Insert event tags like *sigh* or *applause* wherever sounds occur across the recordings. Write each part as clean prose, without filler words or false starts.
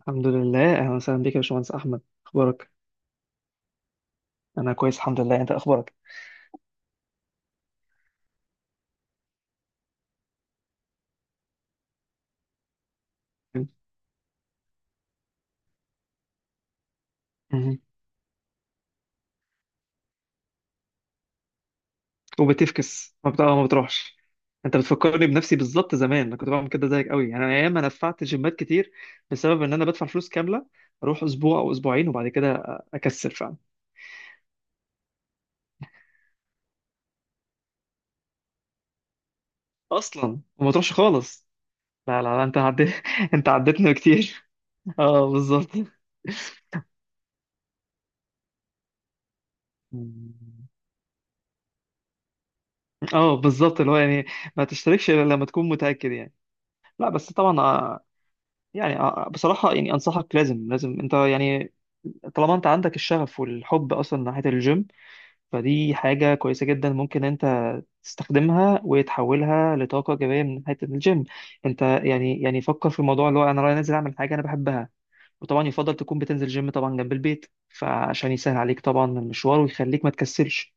الحمد لله، اهلا وسهلا بيك يا باشمهندس احمد. اخبارك؟ انا كويس الحمد لله. انت اخبارك؟ مهم. وبتفكس، ما بتقع، ما بتروحش. انت بتفكرني بنفسي بالظبط. زمان انا كنت بعمل كده زيك قوي، يعني انا ايام انا دفعت جيمات كتير، بسبب ان انا بدفع فلوس كامله اروح اسبوع او اسبوعين وبعد كده اكسل فعلا. اصلا وما تروحش خالص. لا لا لا، انت عديت. *laughs* انت عديتني كتير. *laughs* اه، بالظبط. مم. اه بالظبط، اللي هو يعني ما تشتركش الا لما تكون متاكد يعني. لا، بس طبعا يعني بصراحة، يعني أنصحك، لازم لازم أنت يعني، طالما أنت عندك الشغف والحب أصلا ناحية الجيم، فدي حاجة كويسة جدا ممكن أنت تستخدمها وتحولها لطاقة إيجابية من ناحية الجيم. أنت يعني فكر في الموضوع اللي هو أنا رايح نازل أعمل حاجة أنا بحبها. وطبعا يفضل تكون بتنزل جيم طبعا جنب البيت، فعشان يسهل عليك طبعا المشوار ويخليك ما تكسلش.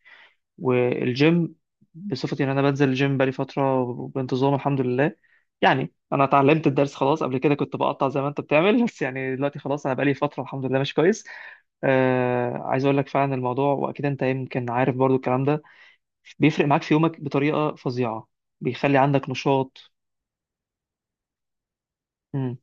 والجيم، بصفتي ان انا بنزل الجيم بقالي فتره بانتظام الحمد لله، يعني انا اتعلمت الدرس خلاص. قبل كده كنت بقطع زي ما انت بتعمل، *laughs* بس يعني دلوقتي خلاص انا بقالي فتره الحمد لله مش كويس. عايز اقول لك فعلا الموضوع، واكيد انت يمكن عارف برضو الكلام ده بيفرق معاك في يومك بطريقه فظيعه، بيخلي عندك نشاط. امم.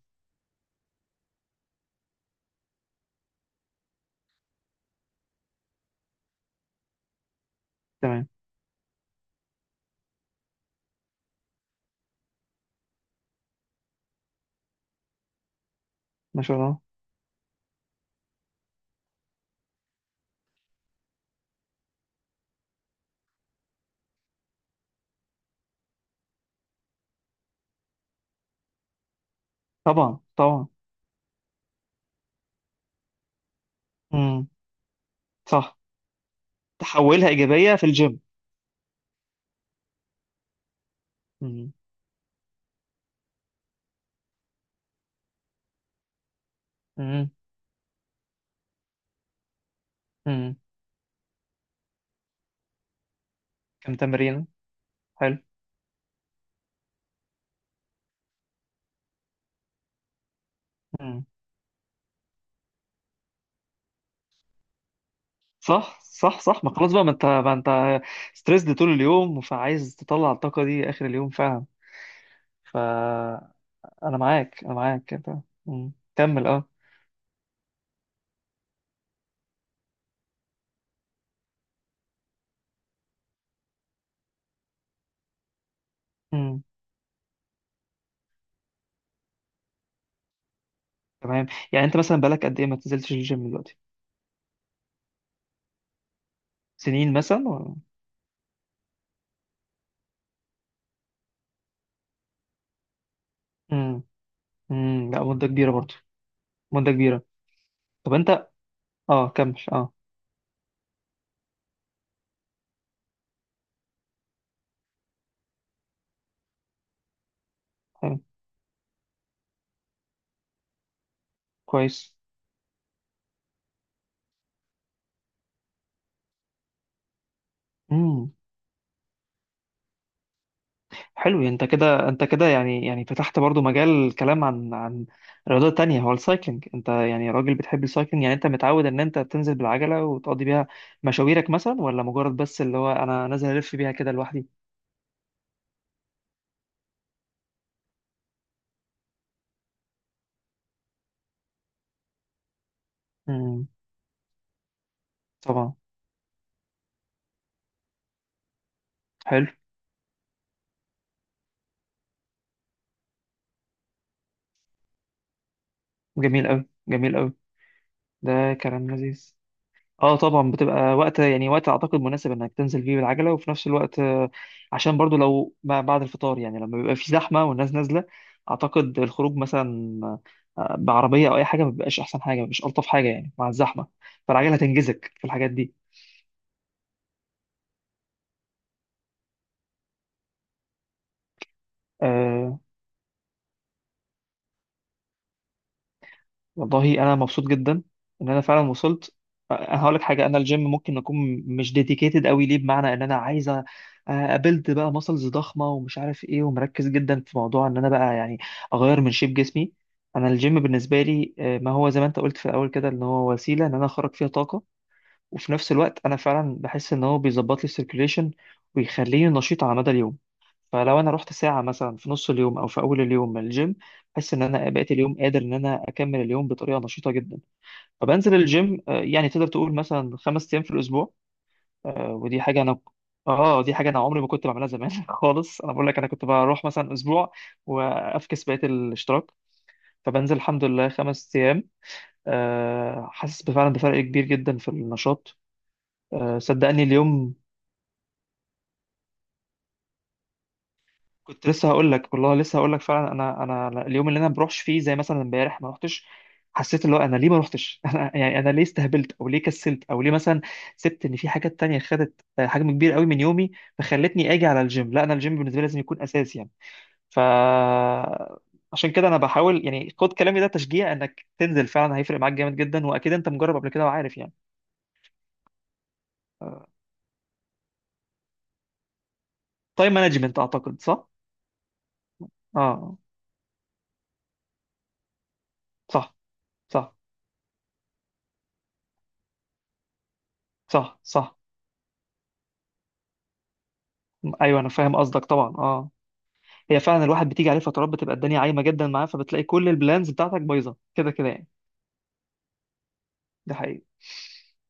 تمام. ما شاء الله. طبعا طبعا. امم. صح. تحولها ايجابيه في الجيم. امم امم امم. كم تمرين. حلو. صح صح صح. ما خلاص بقى، ما انت ستريسد طول اليوم، فعايز تطلع الطاقة دي آخر اليوم فعلا. فأنا معاك، أنا معاك أنت. مم. كمل أه. مم. تمام. يعني أنت مثلا بقالك قد إيه ما نزلتش الجيم دلوقتي؟ سنين مثلا ولا؟ مم. مم. لا مدة كبيرة برضو. مدة كبيرة. طب أنت، أه كمل أه. حلو. كويس. مم. حلو، انت كده انت كده يعني فتحت برضو مجال كلام عن رياضات تانية. هو السايكلينج، انت يعني راجل بتحب السايكلينج، يعني انت متعود ان انت بتنزل بالعجلة وتقضي بيها مشاويرك مثلا، ولا مجرد بس اللي هو انا نازل الف بيها كده لوحدي؟ امم. طبعا. حلو. جميل قوي جميل قوي. ده كلام لذيذ. اه طبعا بتبقى وقت، يعني وقت اعتقد مناسب انك تنزل فيه بالعجله، وفي نفس الوقت عشان برضو لو ما بعد الفطار، يعني لما بيبقى في زحمه والناس نازله، اعتقد الخروج مثلا بعربيه او اي حاجه ما بيبقاش احسن حاجه، مش الطف حاجه يعني مع الزحمه، فالعجله هتنجزك في الحاجات دي. آه، والله انا مبسوط جدا ان انا فعلا وصلت. انا هقول لك حاجه، انا الجيم ممكن اكون مش ديديكيتد قوي ليه، بمعنى ان انا عايزه ابلد بقى ماسلز ضخمه ومش عارف ايه، ومركز جدا في موضوع ان انا بقى يعني اغير من شيب جسمي. انا الجيم بالنسبه لي ما هو زي ما انت قلت في الاول كده، ان هو وسيله ان انا اخرج فيها طاقه، وفي نفس الوقت انا فعلا بحس ان هو بيظبط لي السيركيليشن ويخليني نشيط على مدى اليوم. فلو انا رحت ساعه مثلا في نص اليوم او في اول اليوم من الجيم، بحس ان انا بقيت اليوم قادر ان انا اكمل اليوم بطريقه نشيطه جدا. فبنزل الجيم، يعني تقدر تقول مثلا خمس ايام في الاسبوع. ودي حاجه انا، اه دي حاجه انا عمري ما كنت بعملها زمان *laughs* خالص. انا بقول لك انا كنت بروح مثلا اسبوع وافكس بقيه الاشتراك. فبنزل الحمد لله خمس ايام، حاسس بفعلا بفرق كبير جدا في النشاط. صدقني اليوم كنت لسه هقول لك، والله لسه هقول لك فعلا. انا انا أنا اليوم اللي انا ما بروحش فيه، زي مثلا امبارح ما رحتش، حسيت اللي هو انا ليه ما رحتش. *laughs* انا يعني انا ليه استهبلت، او ليه كسلت، او ليه مثلا سبت ان في حاجات تانية خدت حجم كبير قوي من يومي فخلتني اجي على الجيم؟ لا، انا الجيم بالنسبه لي لازم يكون اساسي يعني. ف عشان كده انا بحاول، يعني خد كلامي ده تشجيع انك تنزل فعلا، هيفرق معاك جامد جدا، واكيد انت مجرب قبل كده وعارف يعني. تايم مانجمنت، اعتقد صح. اه، صح صح صح صح. ايوه انا فاهم قصدك طبعا، اه. هي فعلا الواحد بتيجي عليه فترات بتبقى الدنيا عايمه جدا معاه، فبتلاقي كل البلانز بتاعتك بايظه كده كده يعني. ده حقيقي.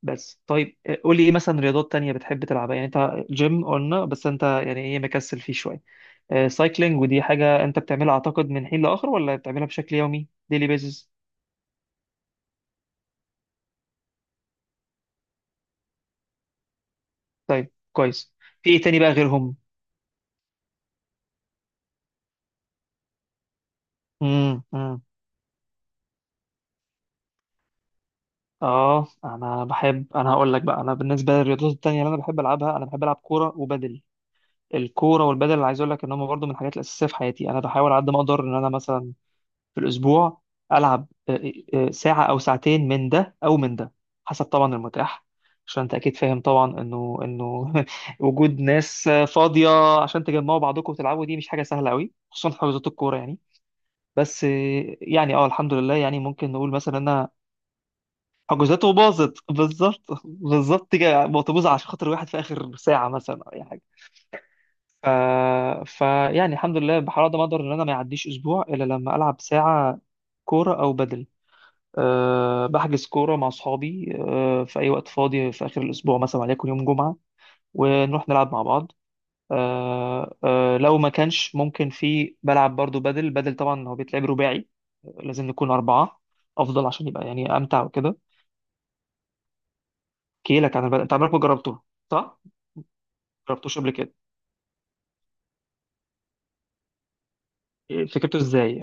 بس طيب، قول لي ايه مثلا رياضات تانية بتحب تلعبها؟ يعني انت جيم قلنا، بس انت يعني ايه، مكسل فيه شويه. سايكلينج، ودي حاجه انت بتعملها اعتقد من حين لاخر، ولا بتعملها بشكل يومي ديلي بيزس؟ طيب، كويس. في ايه تاني بقى غيرهم؟ امم. اه انا هقول لك بقى، انا بالنسبه للرياضات التانية اللي انا بحب العبها، انا بحب العب كوره وبدل. الكوره والبدل اللي عايز اقول لك ان هم برضو من الحاجات الاساسيه في حياتي. انا بحاول على قد ما اقدر ان انا مثلا في الاسبوع العب ساعه او ساعتين من ده او من ده، حسب طبعا المتاح. عشان انت اكيد فاهم طبعا انه *laughs* وجود ناس فاضيه عشان تجمعوا بعضكم وتلعبوا دي مش حاجه سهله قوي، خصوصا في حجوزات الكوره يعني. بس يعني اه الحمد لله، يعني ممكن نقول مثلا انا حجوزاته باظت بالظبط. *laughs* بالظبط كده بطبوظ عشان خاطر واحد في اخر ساعه مثلا. ف... فيعني الحمد لله بحاول ما اقدر ان انا ما يعديش اسبوع الا لما العب ساعه كوره او بدل. أه بحجز كوره مع اصحابي، في اي وقت فاضي في اخر الاسبوع مثلا، وليكن يوم جمعه، ونروح نلعب مع بعض. أه أه لو ما كانش ممكن في، بلعب برضو بدل. بدل طبعا هو بيتلعب رباعي، لازم نكون اربعه افضل، عشان يبقى يعني امتع وكده. احكي لك عن البدل، انت عمرك ما جربته، صح؟ ما جربتوش قبل كده. فكرته ازاي؟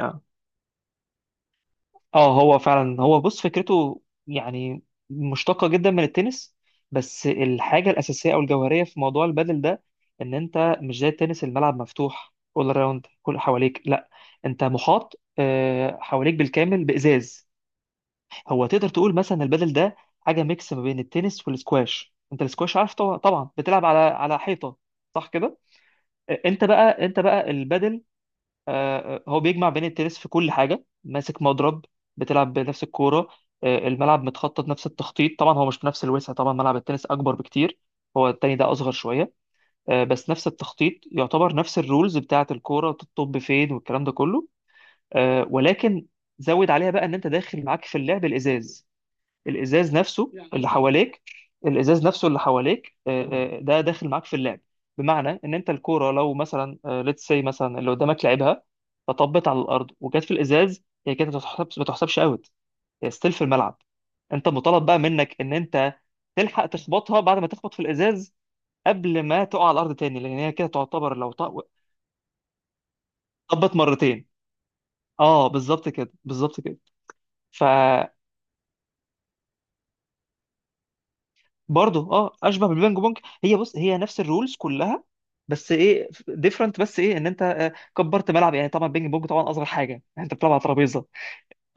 اه هو فعلا، هو بص فكرته يعني مشتقة جدا من التنس. بس الحاجة الأساسية أو الجوهرية في موضوع البادل ده، إن أنت مش زي التنس، الملعب مفتوح أول راوند كل حواليك، لا، أنت محاط، حواليك بالكامل بإزاز. هو تقدر تقول مثلا البادل ده حاجة ميكس ما بين التنس والسكواش. أنت السكواش عارف طبعا طبعاً، بتلعب على حيطة، صح كده. أنت بقى، البادل، هو بيجمع بين التنس في كل حاجة، ماسك مضرب، بتلعب بنفس الكورة، الملعب متخطط نفس التخطيط. طبعا هو مش بنفس الوسع، طبعا ملعب التنس أكبر بكتير، هو التاني ده أصغر شوية، بس نفس التخطيط يعتبر، نفس الرولز بتاعة الكورة تطب فين والكلام ده كله. ولكن زود عليها بقى إن أنت داخل معاك في اللعب الإزاز. الازاز نفسه اللي حواليك الازاز نفسه اللي حواليك، ده داخل معاك في اللعب. بمعنى ان انت الكوره لو مثلا ليتس سي مثلا اللي قدامك لعبها، فطبت على الارض وجت في الازاز، هي كده ما بتحسبش، ما تحسبش اوت، هي ستيل في الملعب. انت مطالب بقى منك ان انت تلحق تخبطها بعد ما تخبط في الازاز، قبل ما تقع على الارض تاني، لان هي كده تعتبر لو طبت مرتين. اه بالظبط كده بالظبط كده. ف برضه اه اشبه بالبينج بونج. هي بص، نفس الرولز كلها، بس ايه ديفرنت، بس ايه ان انت كبرت ملعب. يعني طبعا البينج بونج طبعا اصغر حاجه، يعني انت بتلعب على ترابيزه.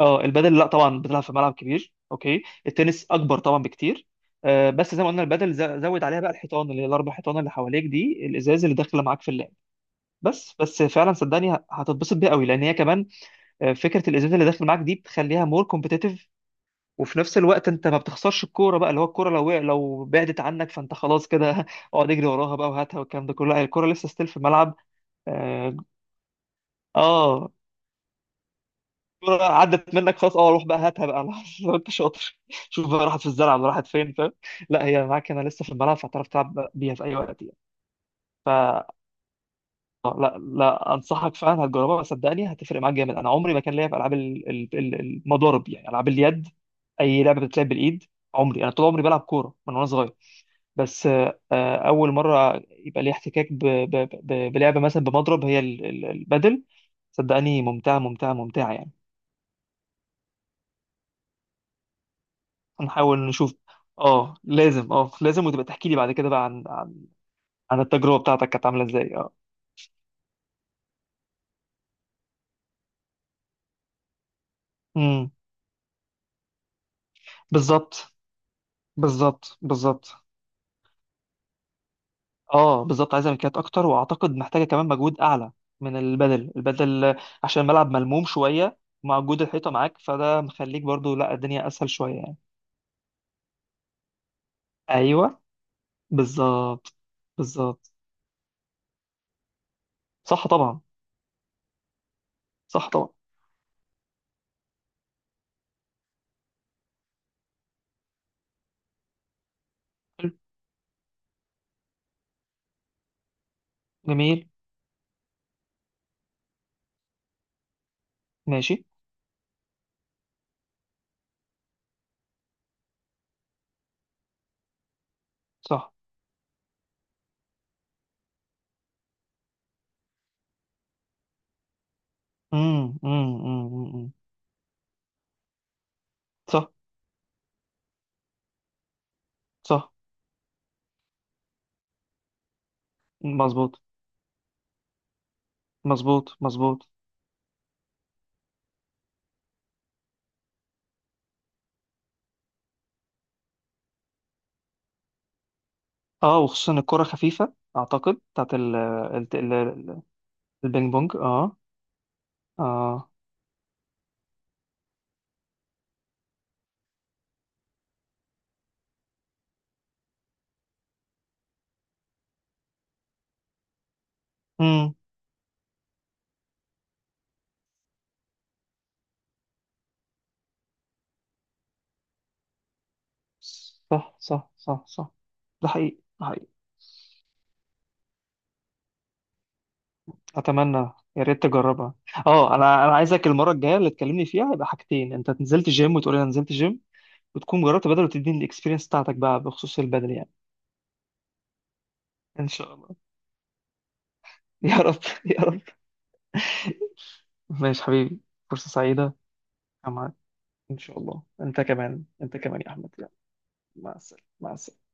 اه البدل لا، طبعا بتلعب في ملعب كبير. اوكي التنس اكبر طبعا بكتير، بس زي ما قلنا البدل زود عليها بقى الحيطان، اللي هي الاربع حيطان اللي حواليك دي، الازاز اللي داخله معاك في اللعب. بس فعلا صدقني هتتبسط بيها قوي، لان هي كمان فكره الازاز اللي داخل معاك دي بتخليها مور كومبتيتيف، وفي نفس الوقت انت ما بتخسرش الكوره بقى، اللي هو الكوره لو لو بعدت عنك فانت خلاص كده. *laughs* اقعد اجري وراها بقى وهاتها والكلام ده كله، لا الكوره لسه ستيل في الملعب. اه، آه، الكوره عدت منك خلاص، اه روح بقى هاتها بقى، *laughs* لو انت شاطر. شوف بقى راحت في الزرع ولا راحت فين، فاهم. لا هي معاك هنا لسه في الملعب، فهتعرف تلعب بيها في اي وقت. يعني لا لا، انصحك فعلا هتجربها، صدقني هتفرق معاك جامد. انا عمري ما كان ليا في العاب المضارب، يعني العاب اليد، اي لعبه بتتلعب بالايد. عمري انا طول عمري بلعب كوره من وانا صغير، بس اول مره يبقى لي احتكاك بلعبه مثلا بمضرب، هي البادل. صدقني ممتعه ممتعه ممتعه يعني. هنحاول نشوف. اه لازم، اه لازم، وتبقى تحكي لي بعد كده بقى عن, التجربه بتاعتك كانت عامله ازاي، اه. امم. بالظبط بالظبط بالظبط، اه بالظبط، عايزه ملكيات اكتر، واعتقد محتاجه كمان مجهود اعلى من البدل. البدل عشان الملعب ملموم شويه، مع وجود الحيطه معاك، فده مخليك برضو لا الدنيا اسهل شويه يعني. ايوه بالظبط بالظبط. صح طبعا. صح طبعا. حلو. جميل. ماشي. صح. امم امم امم امم. صح صح. مظبوط مظبوط مظبوط. اه وخصوصا الكره خفيفه اعتقد بتاعت الت- ال- البينج بونج، اه. اه. امم. صح صح صح صح. ده حقيقي ده حقيقي. اتمنى. يا ريت تجربها. اه انا عايزك المره الجايه اللي تكلمني فيها يبقى حاجتين، انت نزلت جيم وتقول لي انا نزلت جيم، وتكون جربت بدل وتديني الاكسبيرينس بتاعتك بقى بخصوص البدل يعني. ان شاء الله. *laughs* يا رب يا رب. ماشي حبيبي. فرصه سعيده. يا معلم. ان شاء الله انت كمان انت كمان يا احمد، يلا. مع السلامه مع السلامه.